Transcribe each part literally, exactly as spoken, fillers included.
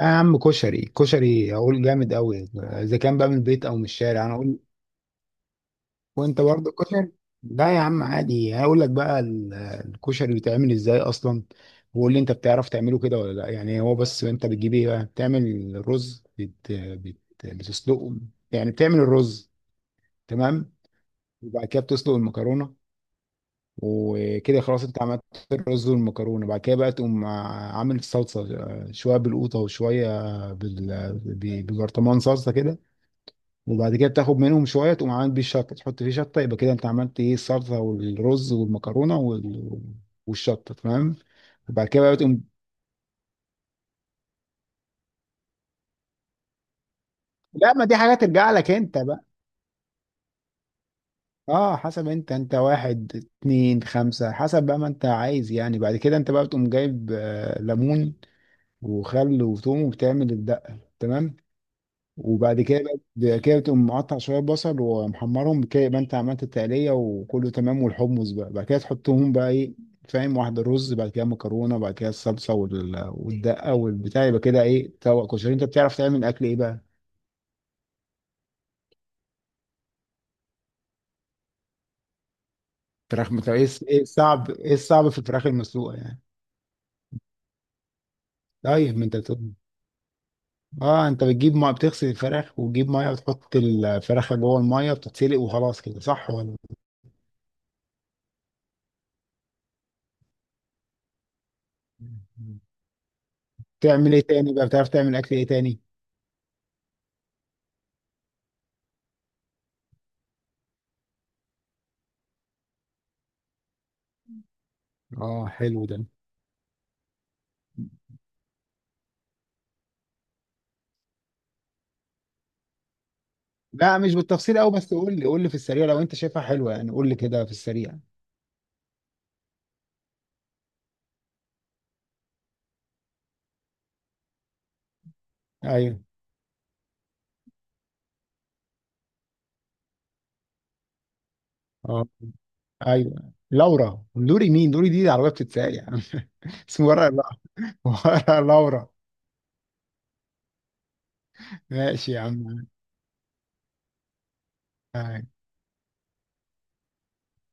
يا عم، كشري كشري اقول جامد قوي، اذا كان بقى من البيت او من الشارع انا اقول. وانت برضه كشري. لا يا عم عادي، هقول لك بقى ال- الكشري بيتعمل ازاي اصلا. وقول لي انت بتعرف تعمله كده ولا لا يعني. هو بس انت بتجيب ايه بقى؟ بتعمل رز، بت... بت... بتسلقه، يعني بتعمل الرز. تمام. وبعد كده بتسلق المكرونه، وكده خلاص انت عملت الرز والمكرونه. بعد كده بقى تقوم عامل الصلصه، شويه بالقوطه وشويه بال... ب- ببرطمان صلصه كده. وبعد كده بتاخد منهم شويه، تقوم عامل بيه الشطه، تحط فيه شطه، يبقى كده انت عملت ايه، الصلصه والرز والمكرونه وال... والشطه. تمام. وبعد كده بقى تقوم. لا، ما دي حاجه ترجع لك انت بقى. اه، حسب، انت انت واحد اتنين خمسة، حسب بقى ما انت عايز يعني. بعد كده انت بقى بتقوم جايب آه، ليمون وخل وثوم، وبتعمل الدقة. تمام. وبعد كده بقى- بعد كده تقوم مقطع شويه بصل ومحمرهم كده، يبقى انت عملت التقليه وكله تمام. والحمص بقى بعد كده تحطهم بقى، ايه فاهم؟ واحده رز، بعد كده مكرونه، بعد كده الصلصه وال- والدقه والبتاع. يبقى كده ايه، طبق كشري. انت بتعرف تعمل اكل ايه بقى؟ فراخ مت- ايه الص- ايه الصعب ايه الصعب في الفراخ المسلوقه يعني؟ طيب ما انت بتقول. اه، انت بتجيب ميه، بتغسل الفراخ، وتجيب ميه، وتحط الفراخ جوه الميه، بتتسلق وخلاص كده، صح ولا؟ تعمل ايه تاني بقى؟ بتعرف تعمل اكل ايه تاني؟ اه، حلو ده. لا، مش بالتفصيل قوي، بس قول لي قول لي في السريع، لو انت شايفها حلوه يعني، قول لي كده في السريع. ايوه. اه، ايوه. لورا، لوري مين؟ لوري دي عربيه بتتساق يا عم. اسمه ورا لا، ورا لورا. ماشي يا عم. أيوة.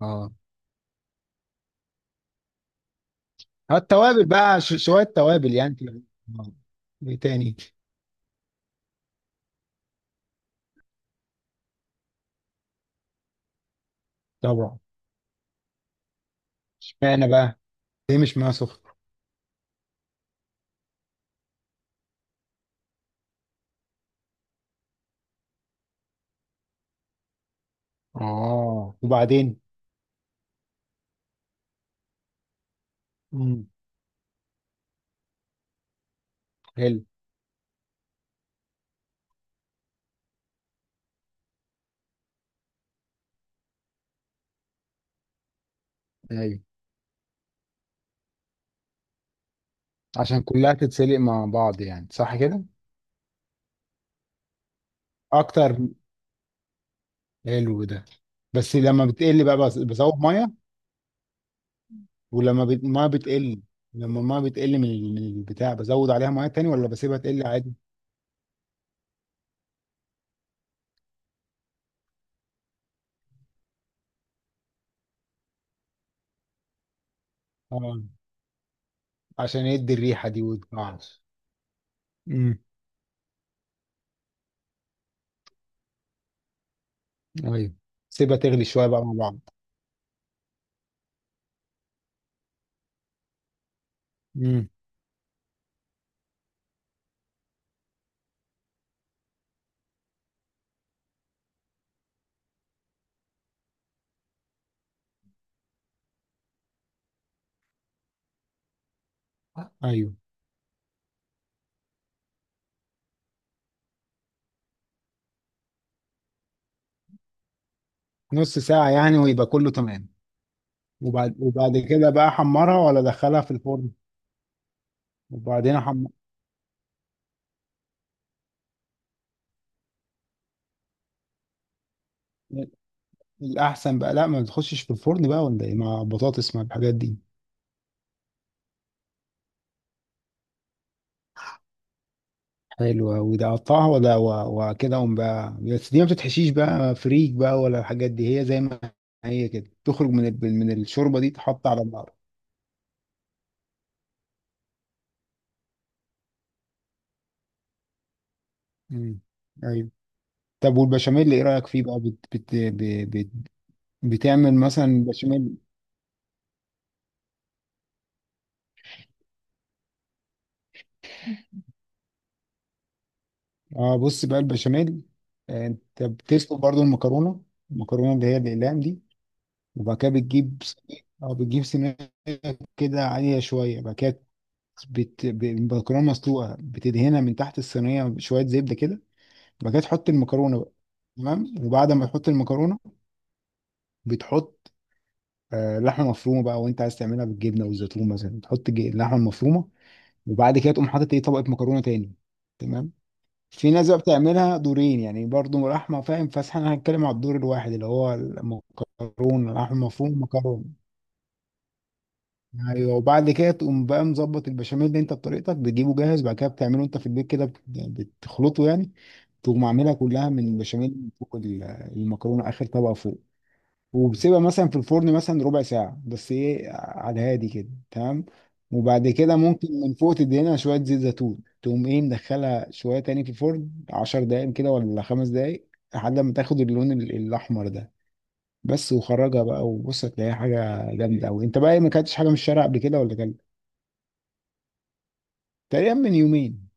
اه. آه، التوابل بقى، ش- شويه توابل يعني كده. آه. ايه تاني؟ طبعا. اشمعنى بقى؟ ليه مش معاها سخن؟ اه، وبعدين؟ امم. حلو. ايوه، عشان كلها تتسلق مع بعض يعني، صح كده؟ اكتر. حلو ده. بس لما بتقل بقى، بس- بزود ميه. ولما بت- الميه بتقل، لما الميه بتقل من ال- من البتاع، بزود عليها ميه تاني ولا بسيبها تقل عادي؟ اه. عشان يدي الريحه دي وتقعش. امم. ايوه، سيبها تغلي شويه بقى مع بعض. امم. ايوه، نص ساعه يعني ويبقى كله تمام. وبعد وبعد كده بقى حمرها ولا دخلها في الفرن؟ وبعدين حم... الاحسن بقى، لا ما بتخشش في الفرن بقى ولا ايه، مع بطاطس مع الحاجات دي؟ حلو أوي ده، قطعها ولا و- وكده قوم بقى. بس دي ما بتتحشيش بقى، فريك بقى ولا الحاجات دي، هي زي ما هي كده تخرج من ال- من الشوربة دي تحط على النار؟ مم. ايوه. طب والبشاميل ايه رأيك فيه بقى، بت بت ب- بت بتعمل مثلا بشاميل؟ اه، بص بقى البشاميل. آه، انت بتسلق برضو المكرونة، المكرونة اللي هي الأقلام دي، وبعد كده بتجيب سميد اه بتجيب سميد كده، عالية شوية. بعد كده بت... ب- المكرونة مسلوقة، بتدهنها من تحت الصينية بشوية زبدة كده. بعد كده تحط المكرونه بقى. تمام. وبعد ما تحط المكرونه، بتحط آه لحمه مفرومه بقى، وانت عايز تعملها بالجبنه والزيتون مثلا، تحط ج- اللحمه المفرومه، وبعد كده تقوم حاطط ايه، طبقه مكرونه تاني. تمام. في ناس بقى بتعملها دورين يعني، برضو لحمه، فاهم؟ بس احنا هنتكلم على الدور الواحد، اللي هو المكرونه لحمه مفرومه مكرونه. ايوه. وبعد كده تقوم بقى مظبط البشاميل، اللي انت بطريقتك بتجيبه جاهز، بعد كده بتعمله انت في البيت كده، بت- بتخلطه يعني. تقوم عاملها كلها من بشاميل فوق ال- المكرونه، اخر طبقه فوق. وبسيبها مثلا في الفرن مثلا ربع ساعة، بس ايه على الهادي كده. تمام. وبعد كده ممكن من فوق تدهنها شوية زيت زيتون، تقوم ايه مدخلها شوية تاني في الفرن عشر دقايق كده، ولا خمس دقايق، لحد ما تاخد اللون ال- الأحمر ده. بس. وخرجها بقى وبص، هتلاقيها حاجة جامدة أوي. أنت بقى إيه، ما كلتش حاجة من الشارع قبل كده ولا كلت؟ تقريبا من يومين.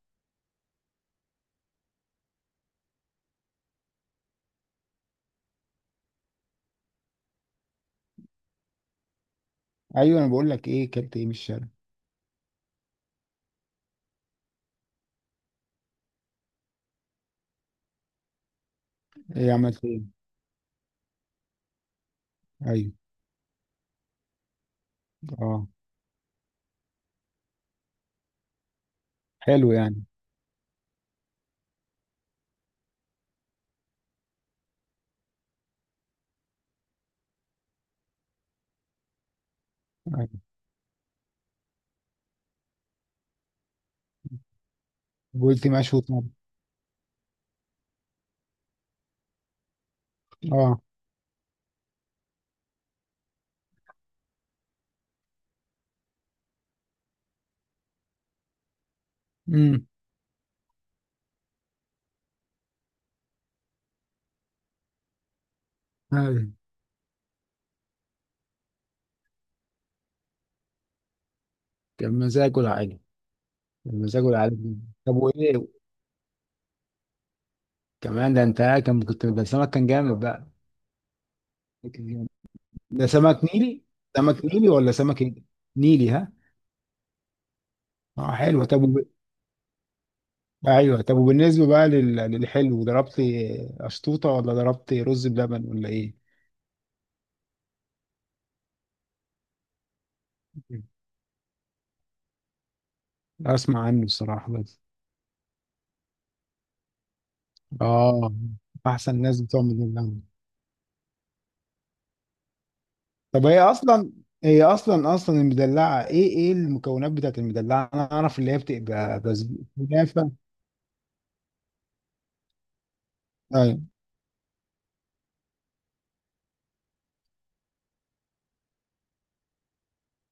أيوه، أنا بقول لك إيه كلت إيه من الشارع؟ إيه عملت إيه؟ أيوه. أه، حلو يعني. أيوه. قلت مشوي، طب. أه. أمم. أيوه. كان مزاج ولا حاجة؟ مزاجه العالمي. طب وايه كمان؟ ده انت كان كنت، ده سمك كان جامد بقى. ده سمك نيلي؟ سمك نيلي ولا سمك ايه؟ نيلي، ها؟ اه، حلو. طب وب... ايوه طب، وبالنسبه بقى لل... للحلو ضربت اشطوطه ولا ضربت رز بلبن ولا ايه؟ اسمع عنه الصراحه بس. اه. احسن ناس بتوع المدلعه. طب هي اصلا هي اصلا اصلا المدلعه ايه ايه المكونات بتاعت المدلعه؟ انا اعرف اللي هي بتبقى بس كنافه.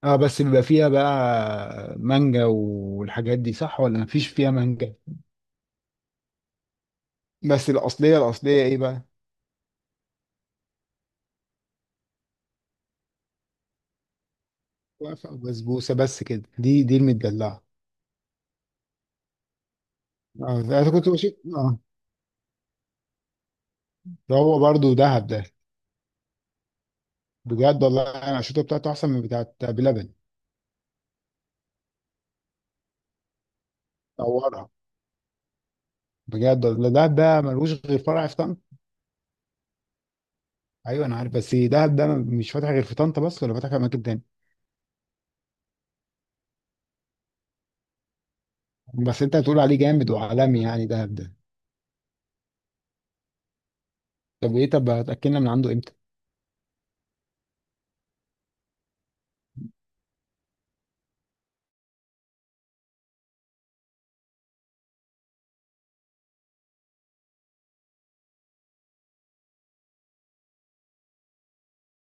اه، بس بيبقى فيها بقى مانجا والحاجات دي، صح ولا مفيش فيها مانجا؟ بس الاصليه الاصليه ايه بقى؟ واقفه وبسبوسه بس كده، دي دي المدلعه. اه، انا كنت بشوف. اه، ده هو برضو دهب ده. بجد والله، انا الشوطه بتاعته احسن من بتاعت بلبن. طورها. بجد والله دهب ده ملوش غير فرع في طنطا. ايوه انا عارف، بس دهب ده مش فاتح غير في طنطا بس، ولا فاتح في اماكن تاني؟ بس انت هتقول عليه جامد وعالمي يعني دهب ده؟ طب ايه، طب هتاكلنا من عنده امتى؟